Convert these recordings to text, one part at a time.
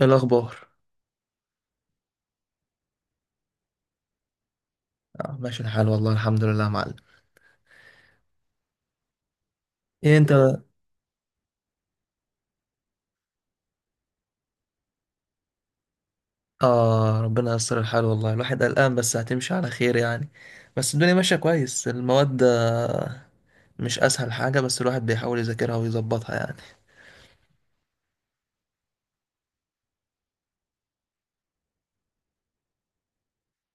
إيه الأخبار؟ ماشي الحال، والله الحمد لله يا معلم. إيه أنت؟ ربنا ييسر الحال والله، الواحد قلقان بس هتمشي على خير يعني. بس الدنيا ماشية كويس، المواد مش أسهل حاجة، بس الواحد بيحاول يذاكرها ويظبطها يعني.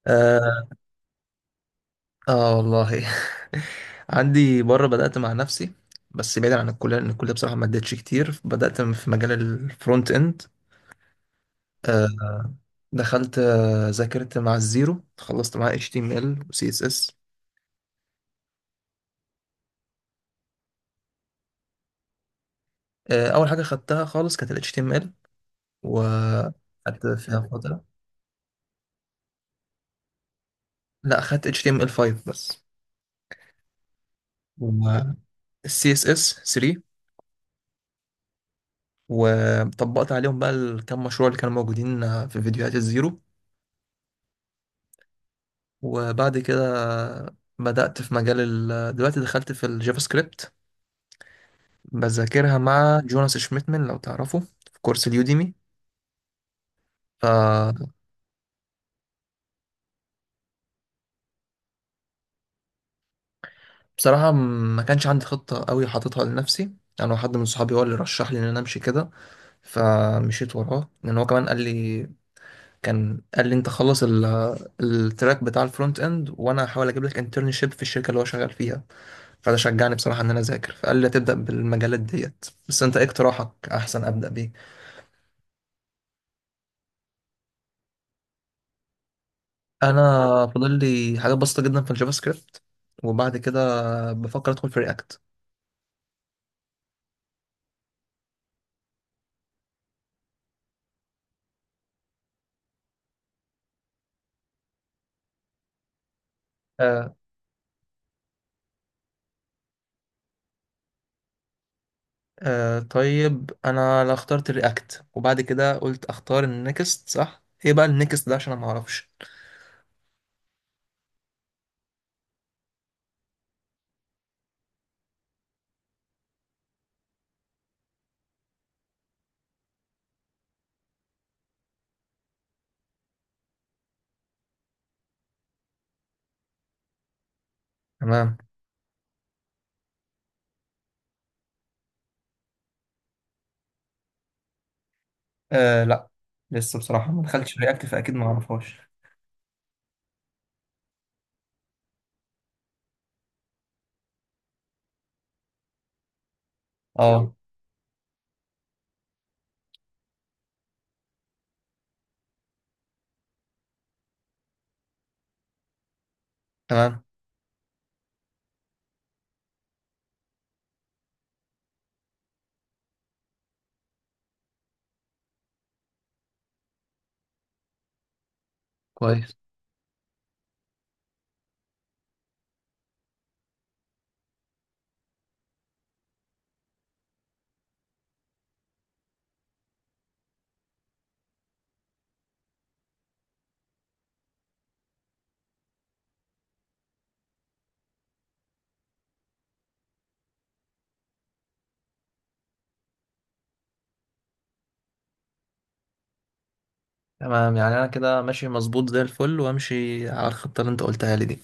آه، والله. عندي بره بدأت مع نفسي، بس بعيدا عن الكلية لأن الكلية بصراحة ما ادتش كتير، بدأت في مجال الفرونت إند. آه دخلت، ذاكرت مع الزيرو، خلصت معاه HTML و CSS. اول حاجه خدتها خالص كانت ال HTML، وقعدت فيها فترة. لا، خدت HTML5 بس، وال CSS3، وطبقت عليهم بقى الكام مشروع اللي كانوا موجودين في فيديوهات الزيرو. وبعد كده بدأت في مجال دلوقتي دخلت في الجافا سكريبت، بذاكرها مع جوناس شميتمن لو تعرفه في كورس اليوديمي. فبصراحة ما كانش عندي خطة قوي حاططها لنفسي انا، يعني حد من صحابي هو اللي رشح لي ان انا امشي كده، فمشيت وراه لان هو كمان قال لي، كان قال لي انت خلص التراك بتاع الفرونت اند، وانا هحاول اجيب لك انترنشيب في الشركه اللي هو شغال فيها. فده شجعني بصراحه ان انا اذاكر، فقال لي تبدا بالمجالات ديت، بس انت ايه اقتراحك احسن ابدا بيه؟ انا فاضل لي حاجات بسيطه جدا في الجافا سكريبت، وبعد كده بفكر ادخل في رياكت. آه. آه طيب انا، لا، اخترت رياكت وبعد كده قلت اختار النكست، صح؟ ايه بقى النكست ده؟ عشان انا ما اعرفش. تمام. لا، لسه بصراحه ما دخلتش رياكت، فاكيد ما اعرفهاش. اه. تمام. كويس. تمام، يعني انا كده ماشي مظبوط زي الفل، وامشي على الخطه اللي انت قلتها لي دي.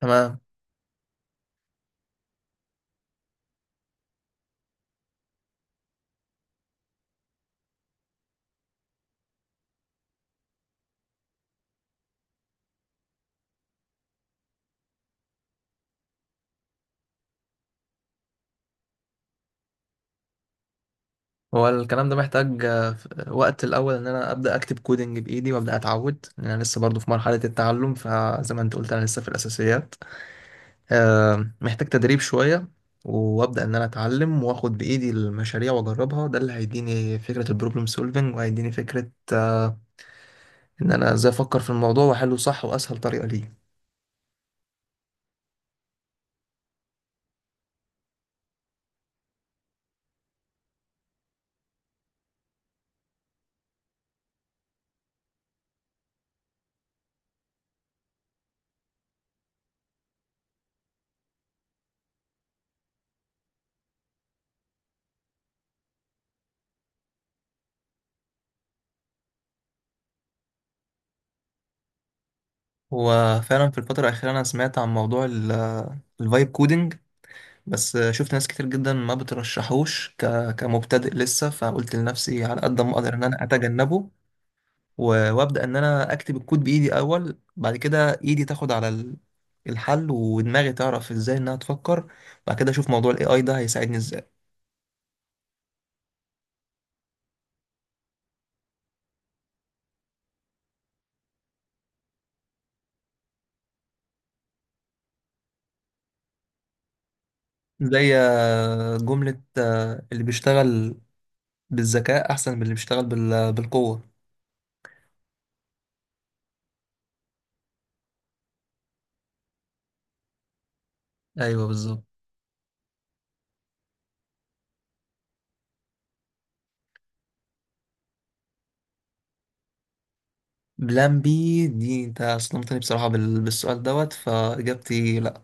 تمام. هو الكلام ده محتاج، وقت الاول ان انا ابدا اكتب كودنج بايدي وابدا اتعود، لان انا لسه برضو في مرحله التعلم، فزي ما انت قلت انا لسه في الاساسيات. محتاج تدريب شويه، وابدا ان انا اتعلم واخد بايدي المشاريع واجربها، ده اللي هيديني فكره البروبلم سولفنج، وهيديني فكره ان انا ازاي افكر في الموضوع واحله صح واسهل طريقه ليه. هو فعلا في الفترة الأخيرة أنا سمعت عن موضوع الفايب كودينج، بس شفت ناس كتير جدا ما بترشحوش كمبتدئ لسه، فقلت لنفسي على قد ما أقدر إن أنا أتجنبه، وأبدأ إن أنا أكتب الكود بإيدي أول، بعد كده إيدي تاخد على الحل، ودماغي تعرف إزاي إنها تفكر. بعد كده أشوف موضوع ال AI ده هيساعدني إزاي. زي جملة اللي بيشتغل بالذكاء أحسن من اللي بيشتغل بالقوة. أيوه بالظبط. بلان بي دي، انت صدمتني بصراحة بالسؤال دوت، فاجابتي لا.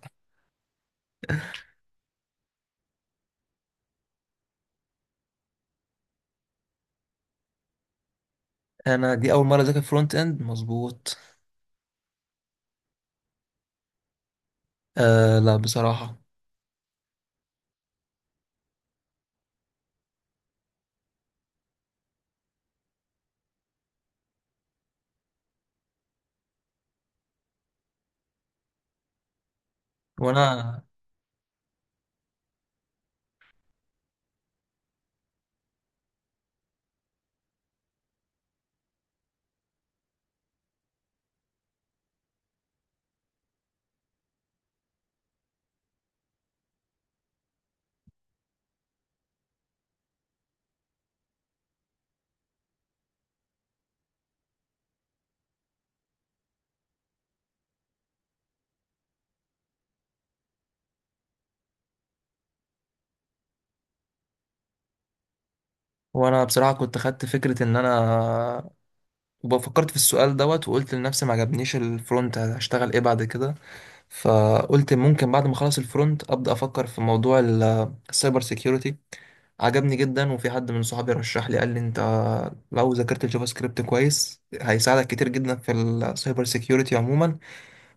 انا دي اول مرة اذاكر فرونت اند، مظبوط. لا بصراحة. وانا وانا بصراحة كنت خدت فكرة ان انا وفكرت في السؤال دوت، وقلت لنفسي ما عجبنيش الفرونت هشتغل ايه بعد كده، فقلت ممكن بعد ما اخلص الفرونت ابدا افكر في موضوع السايبر سيكيورتي. عجبني جدا، وفي حد من صحابي رشح لي قال لي انت لو ذاكرت الجافا سكريبت كويس هيساعدك كتير جدا في السايبر سيكيورتي عموما.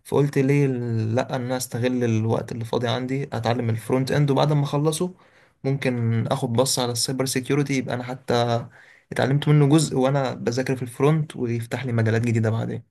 فقلت ليه لا، ان انا استغل الوقت اللي فاضي عندي اتعلم الفرونت اند، وبعد ما اخلصه ممكن اخد بص على السايبر سيكيورتي، يبقى انا حتى اتعلمت منه جزء وانا بذاكر في الفرونت، ويفتح لي مجالات جديدة بعدين.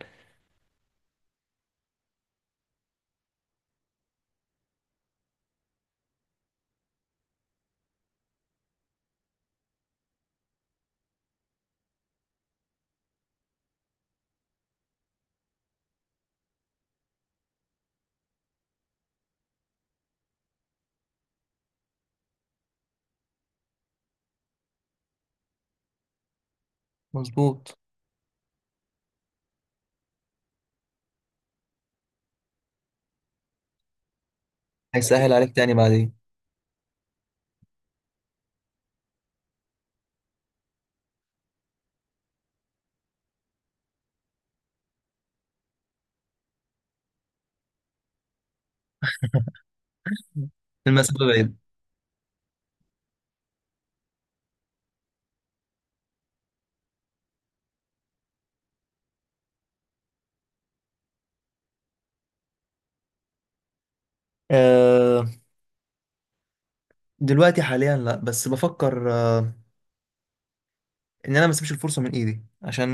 مظبوط. هيسهل عليك تاني بعدين. المسافة بعيد. أه، دلوقتي حاليا لا، بس بفكر أه ان انا ما اسيبش الفرصة من ايدي، عشان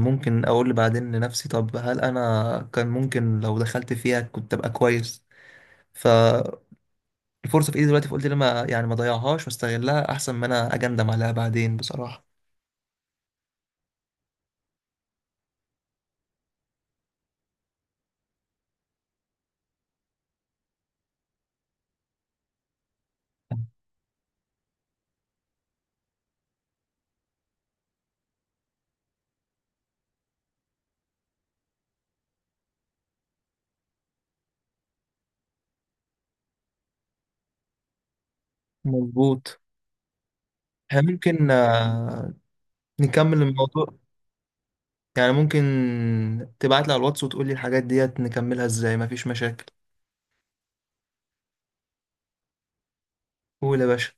ممكن اقول بعدين لنفسي طب هل انا كان ممكن لو دخلت فيها كنت ابقى كويس. ف الفرصه في ايدي دلوقتي، فقلت ليه ما، يعني ما اضيعهاش واستغلها احسن ما انا اجندم عليها بعدين بصراحه. مظبوط. احنا ممكن نكمل الموضوع، يعني ممكن تبعت لي على الواتس وتقول لي الحاجات ديت نكملها ازاي، مفيش مشاكل. قول يا باشا.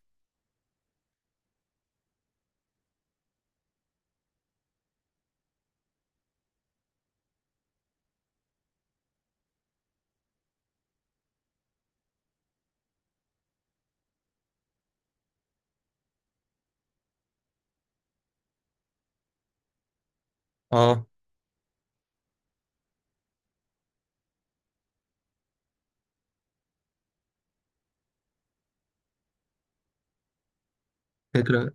اه، فكرة،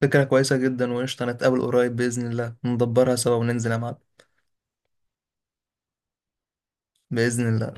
فكرة كويسة جدا وقشطة، نتقابل قريب بإذن الله ندبرها سوا وننزل يا معلم. بإذن الله.